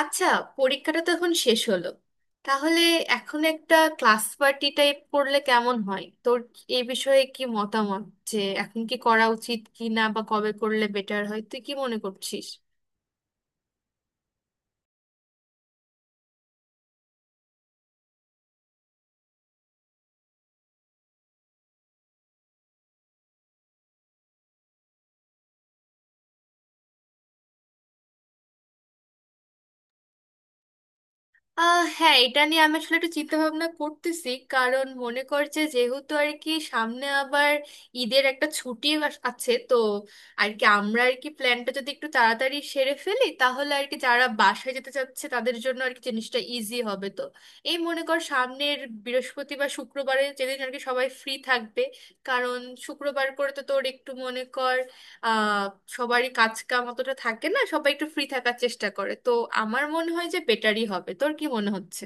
আচ্ছা, পরীক্ষাটা তো এখন শেষ হলো। তাহলে এখন একটা ক্লাস পার্টি টাইপ করলে কেমন হয়? তোর এই বিষয়ে কি মতামত যে এখন কি করা উচিত কি না, বা কবে করলে বেটার হয় তুই কি মনে করছিস? হ্যাঁ, এটা নিয়ে আমি আসলে একটু চিন্তা ভাবনা করতেছি, কারণ মনে কর যে যেহেতু আর কি সামনে আবার ঈদের একটা ছুটি আছে তো। আর কি আমরা আর কি প্ল্যানটা যদি একটু তাড়াতাড়ি সেরে ফেলি তাহলে আর কি যারা বাসায় যেতে চাচ্ছে তাদের জন্য আর কি জিনিসটা ইজি হবে তো। এই মনে কর সামনের বৃহস্পতি বা শুক্রবারে, যেদিন আর কি সবাই ফ্রি থাকবে। কারণ শুক্রবার করে তো তোর একটু মনে কর আহ সবারই কাজ কাম অতটা থাকে না, সবাই একটু ফ্রি থাকার চেষ্টা করে তো। আমার মনে হয় যে বেটারই হবে, তোর কি মনে হচ্ছে?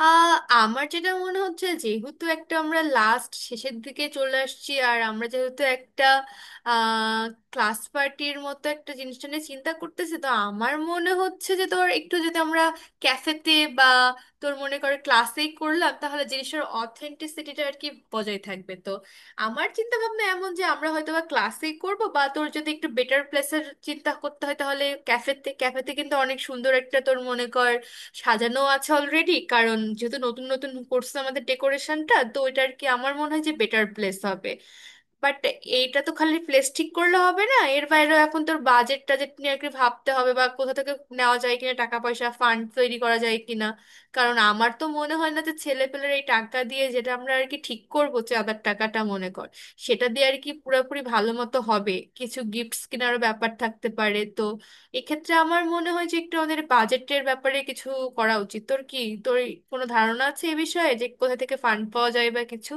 আমার যেটা মনে হচ্ছে, যেহেতু একটা আমরা লাস্ট শেষের দিকে চলে আসছি, আর আমরা যেহেতু একটা আহ ক্লাস পার্টির মতো একটা জিনিসটা নিয়ে চিন্তা করতেছি, তো আমার মনে হচ্ছে যে তোর একটু যদি আমরা ক্যাফেতে বা তোর মনে করে ক্লাসেই করলাম তাহলে জিনিসের অথেন্টিসিটিটা আর কি বজায় থাকবে তো। আমার চিন্তা ভাবনা এমন যে আমরা হয়তো বা ক্লাসেই করবো, বা তোর যদি একটু বেটার প্লেসের চিন্তা করতে হয় তাহলে ক্যাফেতে ক্যাফেতে কিন্তু অনেক সুন্দর একটা তোর মনে কর সাজানো আছে অলরেডি, কারণ যেহেতু নতুন নতুন করছে আমাদের ডেকোরেশনটা, তো ওইটা আর কি আমার মনে হয় যে বেটার প্লেস হবে। বাট এইটা তো খালি প্লেস ঠিক করলে হবে না, এর বাইরেও এখন তোর বাজেট টাজেট নিয়ে একটু ভাবতে হবে, বা কোথা থেকে নেওয়া যায় কিনা, টাকা পয়সা ফান্ড তৈরি করা যায় কিনা। কারণ আমার তো মনে হয় না যে ছেলেপেলের এই টাকা দিয়ে, যেটা আমরা আর কি ঠিক করবো চাঁদার টাকাটা মনে কর, সেটা দিয়ে আর কি পুরোপুরি ভালো মতো হবে। কিছু গিফটস কেনারও ব্যাপার থাকতে পারে তো। এক্ষেত্রে আমার মনে হয় যে একটু আমাদের বাজেটের ব্যাপারে কিছু করা উচিত। তোর কি তোর কোনো ধারণা আছে এ বিষয়ে যে কোথা থেকে ফান্ড পাওয়া যায় বা কিছু?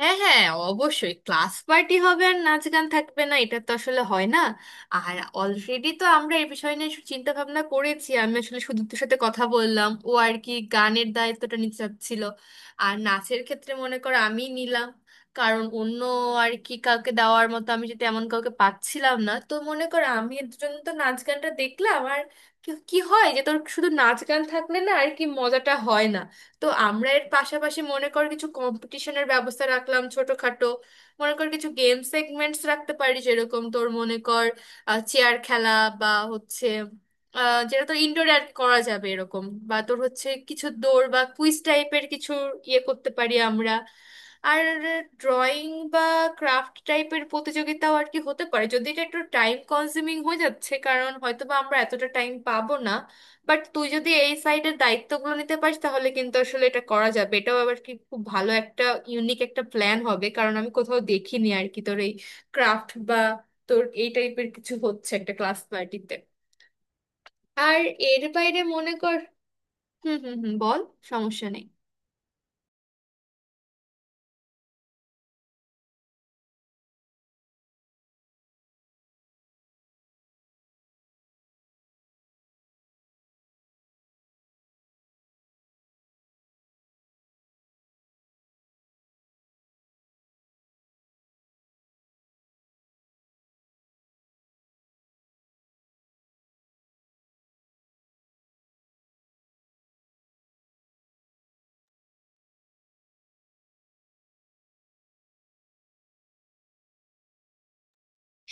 হ্যাঁ, হ্যাঁ, অবশ্যই ক্লাস পার্টি হবে আর নাচ গান থাকবে না, এটা তো আসলে হয় না। আর অলরেডি তো আমরা এই বিষয় নিয়ে চিন্তা ভাবনা করেছি। আমি আসলে সুদীপ্তর সাথে কথা বললাম, ও আর কি গানের দায়িত্বটা নিতে চাচ্ছিল। আর নাচের ক্ষেত্রে মনে করো আমি নিলাম, কারণ অন্য আর কি কাউকে দেওয়ার মতো আমি যদি এমন কাউকে পাচ্ছিলাম না, তো মনে করো আমি এর জন্য তো নাচ গানটা দেখলাম। আর কি কি হয় যে তোর শুধু নাচ গান থাকলে না আর কি মজাটা হয় না। তো আমরা এর পাশাপাশি মনে কর কিছু কম্পিটিশনের ব্যবস্থা রাখলাম ছোটখাটো। মনে কর কিছু গেম সেগমেন্টস রাখতে পারি, যেরকম তোর মনে কর চেয়ার খেলা, বা হচ্ছে যেটা তো ইনডোরে আর কি করা যাবে এরকম, বা তোর হচ্ছে কিছু দৌড় বা কুইজ টাইপের কিছু ইয়ে করতে পারি আমরা। আর ড্রয়িং বা ক্রাফট টাইপের প্রতিযোগিতাও আর কি হতে পারে, যদি এটা একটু টাইম কনজিউমিং হয়ে যাচ্ছে, কারণ হয়তো বা আমরা এতটা টাইম পাবো না। বাট তুই যদি এই সাইডের দায়িত্বগুলো নিতে পারিস তাহলে কিন্তু আসলে এটা করা যাবে। এটাও আবার কি খুব ভালো একটা ইউনিক একটা প্ল্যান হবে, কারণ আমি কোথাও দেখিনি আর কি তোর এই ক্রাফট বা তোর এই টাইপের কিছু হচ্ছে একটা ক্লাস পার্টিতে। আর এর বাইরে মনে কর হুম, হুম, হুম, বল। সমস্যা নেই।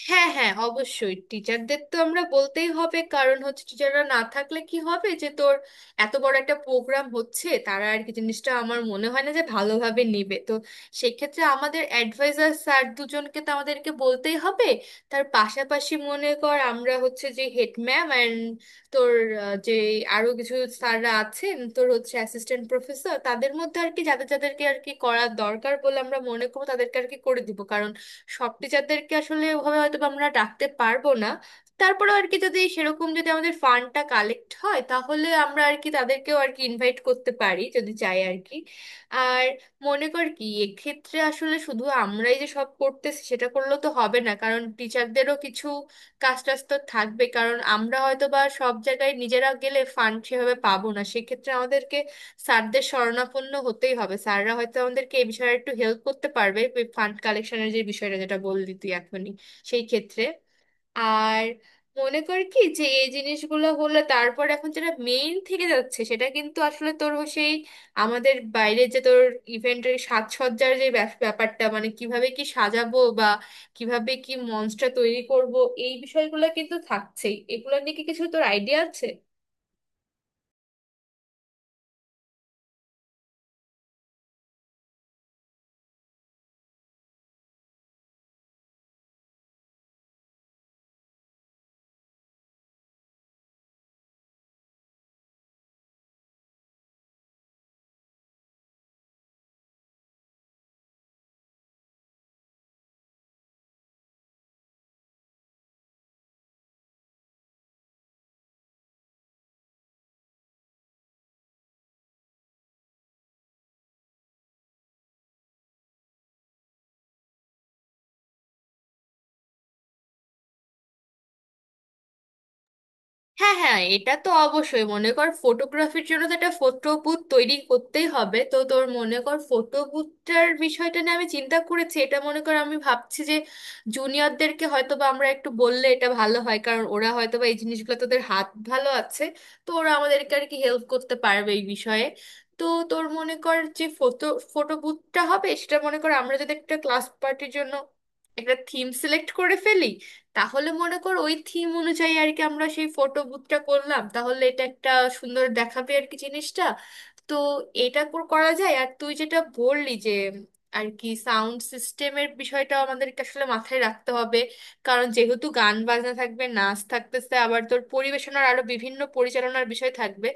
হ্যাঁ, হ্যাঁ, অবশ্যই টিচারদের তো আমরা বলতেই হবে, কারণ হচ্ছে টিচাররা না থাকলে কি হবে যে তোর এত বড় একটা প্রোগ্রাম হচ্ছে, তারা আর কি জিনিসটা আমার মনে হয় না যে ভালোভাবে নেবে তো। সেক্ষেত্রে আমাদের অ্যাডভাইজার স্যার দুজনকে তো আমাদেরকে বলতেই হবে। তার পাশাপাশি মনে কর আমরা হচ্ছে যে হেড ম্যাম অ্যান্ড তোর যে আরো কিছু স্যাররা আছেন তোর হচ্ছে অ্যাসিস্ট্যান্ট প্রফেসর, তাদের মধ্যে আর কি যাদের যাদেরকে আর কি করার দরকার বলে আমরা মনে করবো তাদেরকে আর কি করে দিব। সব টিচারদেরকে আসলে ওভাবে হয়তো বা আমরা ডাকতে পারবো না। তারপরেও আর কি যদি সেরকম যদি আমাদের ফান্ডটা কালেক্ট হয় তাহলে আমরা আর কি তাদেরকেও আর কি ইনভাইট করতে পারি যদি চাই আর মনে কর কি এক্ষেত্রে আসলে শুধু আমরাই যে সব করতেছি সেটা করলেও তো হবে না, কারণ টিচারদেরও কিছু কাজ টাজ তো থাকবে। কারণ আমরা হয়তো বা সব জায়গায় নিজেরা গেলে ফান্ড সেভাবে পাবো না, সেক্ষেত্রে আমাদেরকে স্যারদের শরণাপন্ন হতেই হবে। স্যাররা হয়তো আমাদেরকে এই বিষয়ে একটু হেল্প করতে পারবে ফান্ড কালেকশনের যে বিষয়টা যেটা বললি তুই এখনই, সেই ক্ষেত্রে। আর মনে করি কি যে এই জিনিসগুলো হলে তারপর এখন যেটা মেইন থেকে যাচ্ছে সেটা কিন্তু আসলে তোর ও সেই আমাদের বাইরে, যে তোর ইভেন্টের সাজসজ্জার যে ব্যাপারটা, মানে কিভাবে কি সাজাবো, বা কিভাবে কি মঞ্চটা তৈরি করব, এই বিষয়গুলো কিন্তু থাকছেই। এগুলো নিয়ে কি কিছু তোর আইডিয়া আছে? হ্যাঁ, হ্যাঁ, এটা তো অবশ্যই। মনে কর ফটোগ্রাফির জন্য তো একটা ফটো বুথ তৈরি করতেই হবে। তো তোর মনে কর ফটো বুথটার বিষয়টা নিয়ে আমি চিন্তা করেছি। এটা মনে কর আমি ভাবছি যে জুনিয়রদেরকে হয়তো বা আমরা একটু বললে এটা ভালো হয়, কারণ ওরা হয়তো বা এই জিনিসগুলো তোদের হাত ভালো আছে, তো ওরা আমাদেরকে আর কি হেল্প করতে পারবে এই বিষয়ে। তো তোর মনে কর যে ফটো ফটো বুথটা হবে সেটা মনে কর আমরা যদি একটা ক্লাস পার্টির জন্য একটা থিম সিলেক্ট করে ফেলি, তাহলে মনে কর ওই থিম অনুযায়ী আর কি আমরা সেই ফটো বুথটা করলাম, তাহলে এটা একটা সুন্দর দেখাবে আর কি জিনিসটা। তো এটা করা যায়। আর তুই যেটা বললি যে আর কি সাউন্ড সিস্টেমের বিষয়টা আমাদেরকে আসলে মাথায় রাখতে হবে, কারণ যেহেতু গান বাজনা থাকবে, নাচ থাকতেছে, আবার তোর পরিবেশনার আরো বিভিন্ন পরিচালনার বিষয় থাকবে,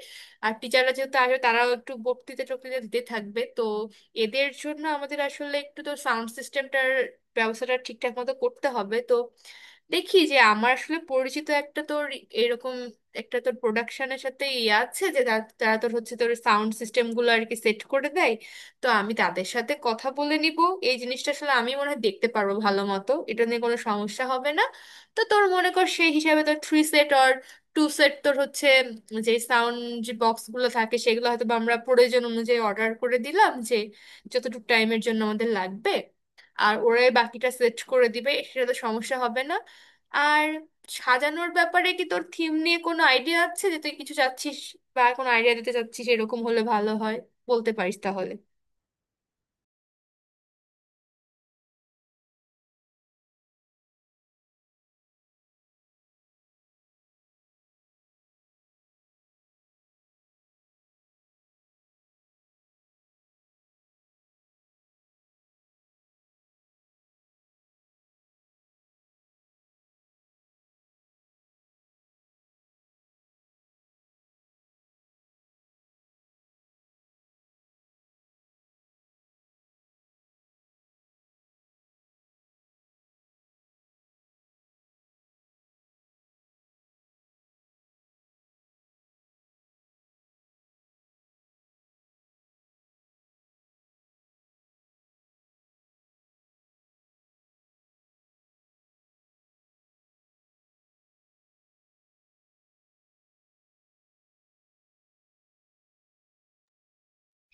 আর টিচাররা যেহেতু আসবে তারাও একটু বক্তৃতা টক্তৃতা দিতে থাকবে তো, এদের জন্য আমাদের আসলে একটু তো সাউন্ড সিস্টেমটার ব্যবস্থাটা ঠিকঠাক মতো করতে হবে তো। দেখি যে আমার আসলে পরিচিত একটা তোর এরকম একটা তোর প্রোডাকশনের সাথে ইয়ে আছে যে তারা তোর হচ্ছে তোর সাউন্ড সিস্টেম গুলো আর কি সেট করে দেয়। তো আমি তাদের সাথে কথা বলে নিব। এই জিনিসটা আসলে আমি মনে হয় দেখতে পারবো ভালো মতো, এটা নিয়ে কোনো সমস্যা হবে না। তো তোর মনে কর সেই হিসাবে তোর three set or two set তোর হচ্ছে যে সাউন্ড, যে বক্স গুলো থাকে, সেগুলো হয়তো বা আমরা প্রয়োজন অনুযায়ী অর্ডার করে দিলাম যে যতটুকু টাইমের জন্য আমাদের লাগবে, আর ওরাই বাকিটা সেট করে দিবে, সেটা তো সমস্যা হবে না। আর সাজানোর ব্যাপারে কি তোর থিম নিয়ে কোনো আইডিয়া আছে যে তুই কিছু চাচ্ছিস বা কোনো আইডিয়া দিতে চাচ্ছিস, এরকম হলে ভালো হয়, বলতে পারিস তাহলে।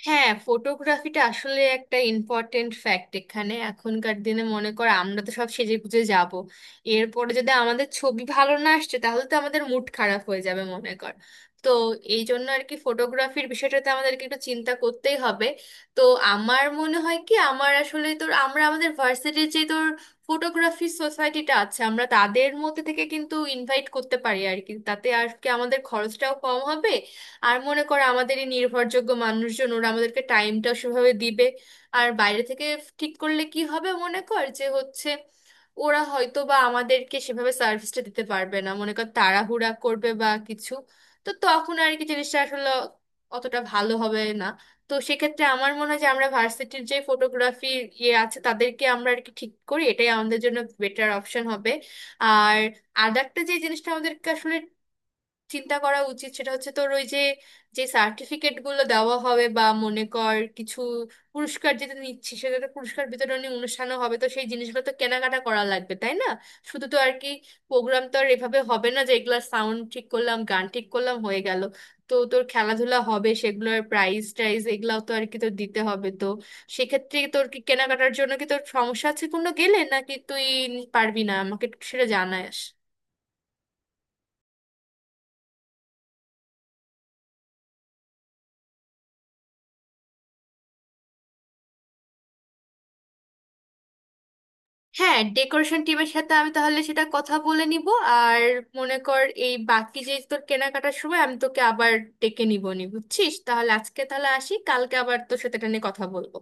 হ্যাঁ, ফটোগ্রাফিটা আসলে একটা ইম্পর্টেন্ট ফ্যাক্ট এখানে এখনকার দিনে। মনে কর আমরা তো সব সেজে গুজে যাব, এরপরে যদি আমাদের ছবি ভালো না আসছে তাহলে তো আমাদের মুড খারাপ হয়ে যাবে মনে কর। তো এই জন্য আর কি ফটোগ্রাফির বিষয়টাতে আমাদেরকে একটু চিন্তা করতেই হবে। তো আমার মনে হয় কি, আমার আসলে তোর আমরা আমাদের ভার্সিটির যে তোর ফটোগ্রাফি সোসাইটিটা আছে, আমরা তাদের মধ্যে থেকে কিন্তু ইনভাইট করতে পারি আর কি তাতে আর কি আমাদের খরচটাও কম হবে। আর মনে করো আমাদের এই নির্ভরযোগ্য মানুষজন ওরা আমাদেরকে টাইমটা সেভাবে দিবে। আর বাইরে থেকে ঠিক করলে কি হবে মনে কর, যে হচ্ছে ওরা হয়তো বা আমাদেরকে সেভাবে সার্ভিসটা দিতে পারবে না, মনে কর তাড়াহুড়া করবে বা কিছু, তো তখন আর কি জিনিসটা আসলে অতটা ভালো হবে না। তো সেক্ষেত্রে আমার মনে হয় যে আমরা ভার্সিটির যে ফটোগ্রাফি ইয়ে আছে তাদেরকে আমরা আর কি ঠিক করি, এটাই আমাদের জন্য বেটার অপশন হবে। আর আর একটা যে জিনিসটা আমাদেরকে আসলে চিন্তা করা উচিত সেটা হচ্ছে তোর ওই যে, যে সার্টিফিকেট গুলো দেওয়া হবে, বা মনে কর কিছু পুরস্কার যেটা নিচ্ছি, সেটা তো পুরস্কার বিতরণী অনুষ্ঠানও হবে, তো সেই জিনিসগুলো তো কেনাকাটা করা লাগবে তাই না? শুধু তো আর কি প্রোগ্রাম তো আর এভাবে হবে না যে এগুলা সাউন্ড ঠিক করলাম, গান ঠিক করলাম, হয়ে গেল। তো তোর খেলাধুলা হবে সেগুলোর প্রাইজ টাইজ এগুলাও তো আর কি তোর দিতে হবে তো। সেক্ষেত্রে তোর কি কেনাকাটার জন্য কি তোর সমস্যা আছে কোনো, গেলে নাকি তুই পারবি না, আমাকে একটু সেটা জানাস। হ্যাঁ, ডেকোরেশন টিমের সাথে আমি তাহলে সেটা কথা বলে নিব। আর মনে কর এই বাকি যে তোর কেনাকাটার সময় আমি তোকে আবার ডেকে নিব নি, বুঝছিস? তাহলে আজকে তাহলে আসি, কালকে আবার তোর সাথে এটা নিয়ে কথা বলবো।